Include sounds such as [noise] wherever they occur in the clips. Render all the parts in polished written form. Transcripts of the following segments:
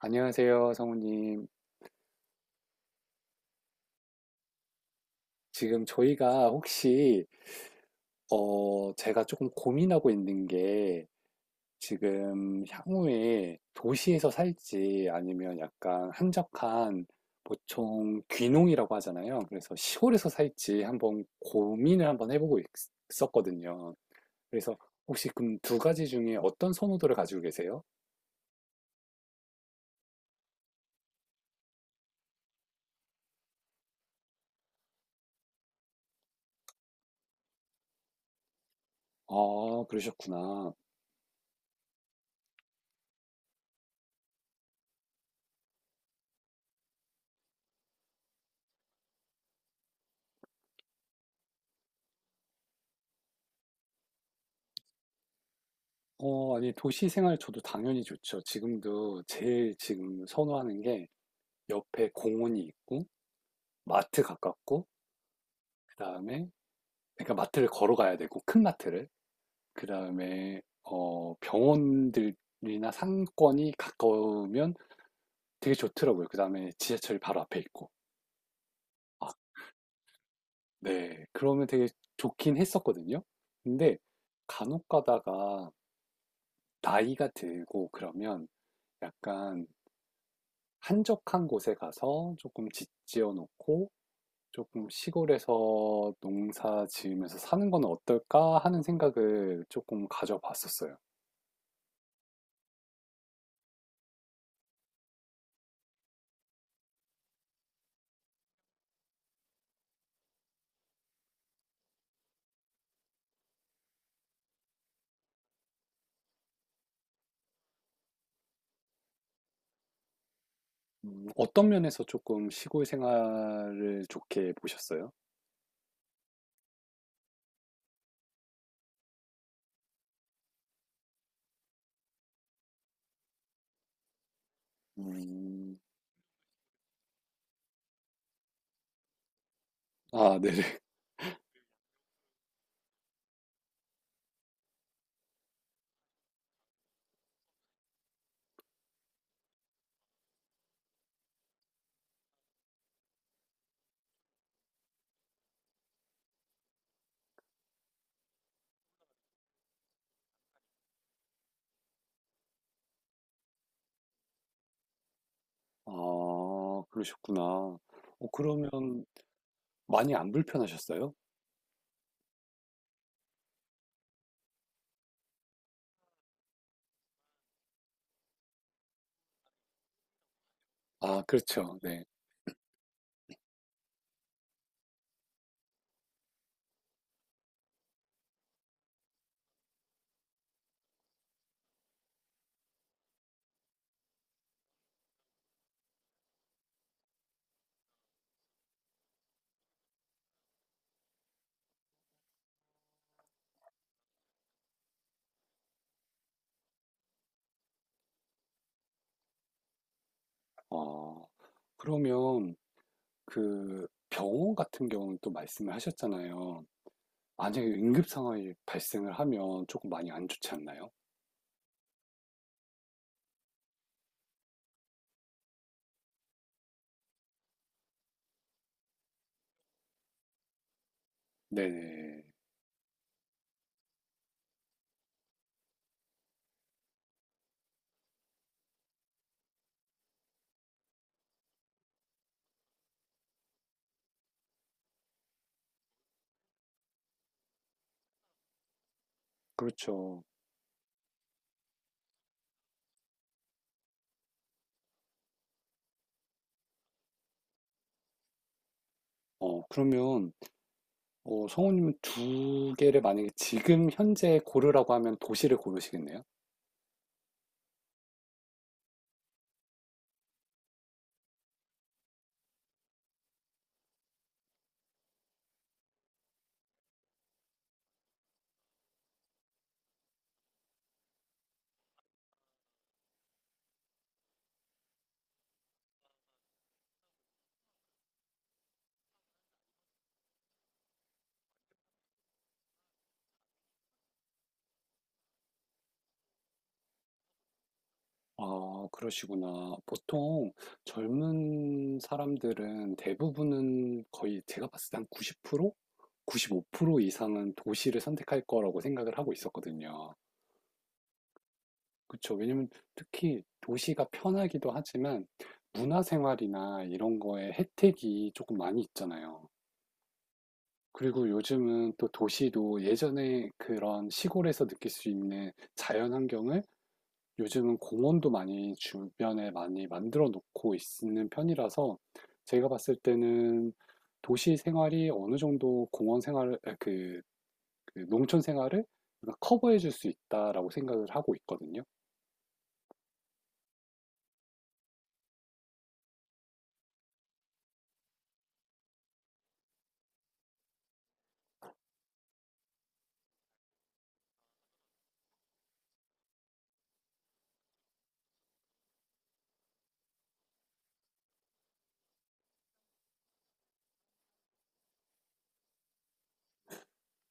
안녕하세요, 성우님. 지금 저희가 혹시, 제가 조금 고민하고 있는 게, 지금 향후에 도시에서 살지, 아니면 약간 한적한, 보통 귀농이라고 하잖아요. 그래서 시골에서 살지 한번 고민을 한번 해보고 있었거든요. 그래서 혹시 그럼 두 가지 중에 어떤 선호도를 가지고 계세요? 아, 그러셨구나. 아니, 도시 생활 저도 당연히 좋죠. 지금도 제일 지금 선호하는 게, 옆에 공원이 있고 마트 가깝고, 그다음에 그러니까 마트를 걸어가야 되고 큰 마트를, 그다음에 병원들이나 상권이 가까우면 되게 좋더라고요. 그다음에 지하철이 바로 앞에 있고. 아, 네. 그러면 되게 좋긴 했었거든요. 근데 간혹 가다가 나이가 들고 그러면 약간 한적한 곳에 가서 조금 집 지어 놓고 '조금 시골에서 농사 지으면서 사는 건 어떨까?' 하는 생각을 조금 가져봤었어요. 음. 어떤 면에서 조금 시골 생활을 좋게 보셨어요? 음. 아, 네네. 아, 그러셨구나. 그러면 많이 안 불편하셨어요? 아, 그렇죠. 네. 아, 그러면 그 병원 같은 경우는 또 말씀을 하셨잖아요. 만약에 응급 상황이 발생을 하면 조금 많이 안 좋지 않나요? 네네. 그렇죠. 그러면, 성우님은 두 개를 만약에 지금 현재 고르라고 하면 도시를 고르시겠네요? 아, 그러시구나. 보통 젊은 사람들은 대부분은 거의 제가 봤을 때 한 90%? 95% 이상은 도시를 선택할 거라고 생각을 하고 있었거든요. 그쵸. 왜냐면 특히 도시가 편하기도 하지만 문화생활이나 이런 거에 혜택이 조금 많이 있잖아요. 그리고 요즘은 또 도시도 예전에 그런 시골에서 느낄 수 있는 자연 환경을, 요즘은 공원도 많이 주변에 많이 만들어 놓고 있는 편이라서, 제가 봤을 때는 도시 생활이 어느 정도 공원 생활 그 농촌 생활을 커버해 줄 수 있다라고 생각을 하고 있거든요.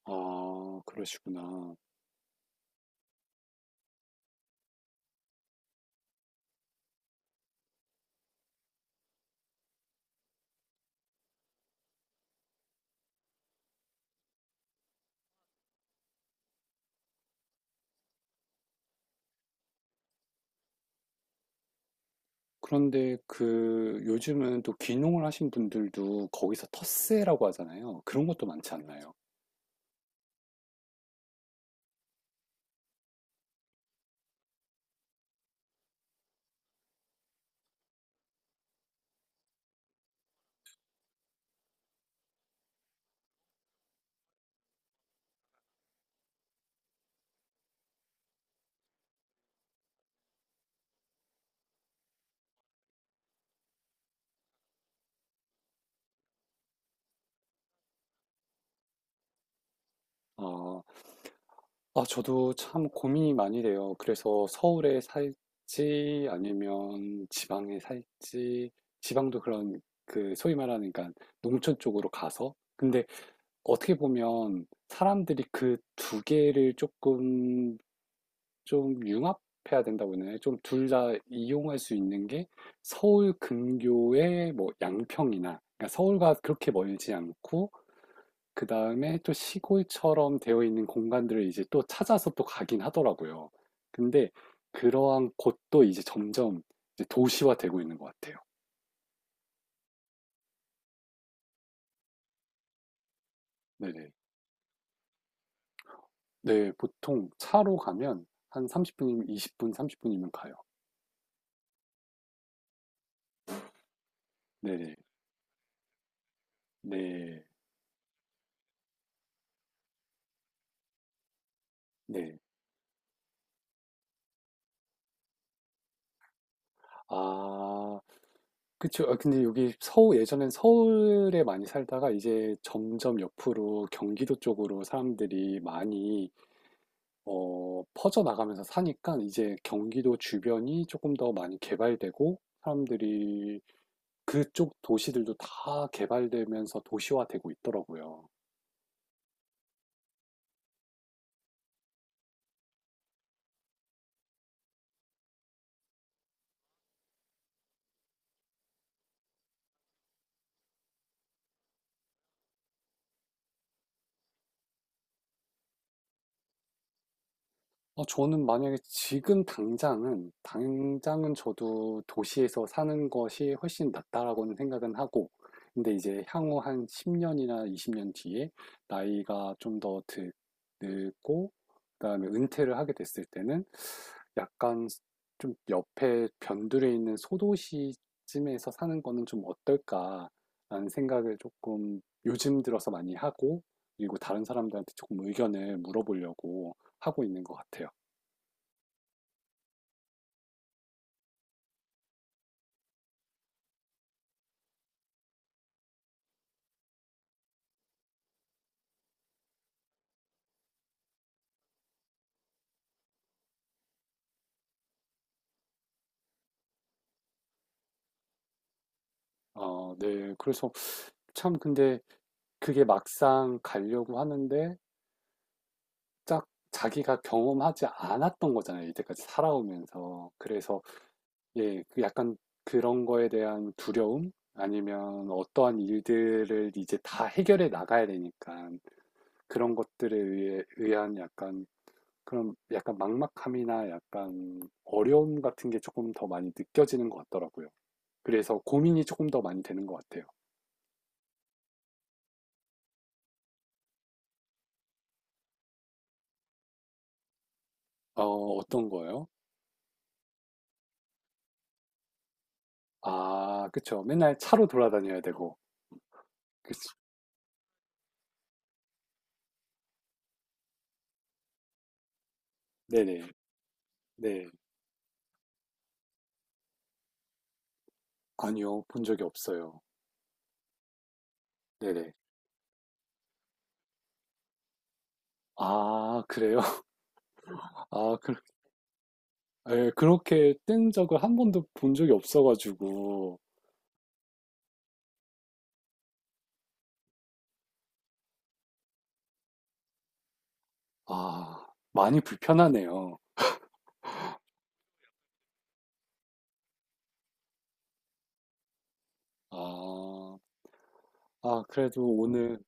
아, 그러시구나. 그런데 그 요즘은 또 귀농을 하신 분들도 거기서 텃세라고 하잖아요. 그런 것도 많지 않나요? 아, 아, 저도 참 고민이 많이 돼요. 그래서 서울에 살지 아니면 지방에 살지, 지방도 그런 그 소위 말하는 그러니까 농촌 쪽으로 가서, 근데 어떻게 보면 사람들이 그 두 개를 조금 좀 융합해야 된다고 했나요? 좀 둘 다 이용할 수 있는 게 서울 근교의 뭐 양평이나, 그러니까 서울과 그렇게 멀지 않고 그다음에 또 시골처럼 되어 있는 공간들을 이제 또 찾아서 또 가긴 하더라고요. 근데 그러한 곳도 이제 점점 이제 도시화되고 있는 것 같아요. 네네. 네, 보통 차로 가면 한 30분이면, 20분, 30분이면 가요. 네네. 네. 네. 아, 그쵸. 아, 근데 여기 서울, 예전엔 서울에 많이 살다가 이제 점점 옆으로 경기도 쪽으로 사람들이 많이 퍼져나가면서 사니까 이제 경기도 주변이 조금 더 많이 개발되고, 사람들이 그쪽 도시들도 다 개발되면서 도시화되고 있더라고요. 저는 만약에 지금 당장은, 당장은 저도 도시에서 사는 것이 훨씬 낫다라고는 생각은 하고, 근데 이제 향후 한 10년이나 20년 뒤에 나이가 좀 더 늙고, 그다음에 은퇴를 하게 됐을 때는 약간 좀 옆에 변두리에 있는 소도시쯤에서 사는 거는 좀 어떨까라는 생각을 조금 요즘 들어서 많이 하고, 그리고 다른 사람들한테 조금 의견을 물어보려고 하고 있는 것 같아요. 어, 네. 그래서 참, 근데 그게 막상 가려고 하는데 딱 자기가 경험하지 않았던 거잖아요, 이때까지 살아오면서. 그래서 예, 그 약간 그런 거에 대한 두려움, 아니면 어떠한 일들을 이제 다 해결해 나가야 되니까 그런 것들에 의해, 의한 약간 그런 약간 막막함이나 약간 어려움 같은 게 조금 더 많이 느껴지는 것 같더라고요. 그래서 고민이 조금 더 많이 되는 것 같아요. 어, 어떤 거요? 아, 그쵸. 맨날 차로 돌아다녀야 되고. 그치. 네네. 네. 아니요. 본 적이 없어요. 네네. 아, 그래요? [laughs] 아, 그, 예, 그렇게 뜬 적을 한 번도 본 적이 없어가지고. 아, 많이 불편하네요. 아, 아, 그래도 오늘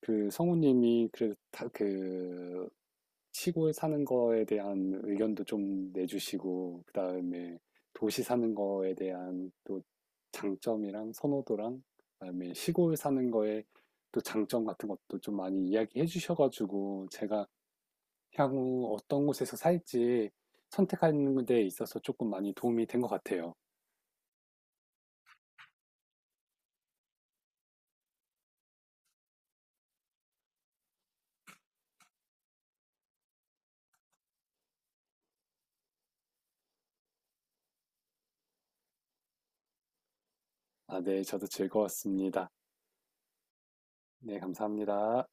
그 성우님이 그래도 다, 그 시골 사는 거에 대한 의견도 좀 내주시고, 그다음에 도시 사는 거에 대한 또 장점이랑 선호도랑, 그다음에 시골 사는 거에 또 장점 같은 것도 좀 많이 이야기해 주셔가지고, 제가 향후 어떤 곳에서 살지 선택하는 데 있어서 조금 많이 도움이 된 것 같아요. 아, 네, 저도 즐거웠습니다. 네, 감사합니다.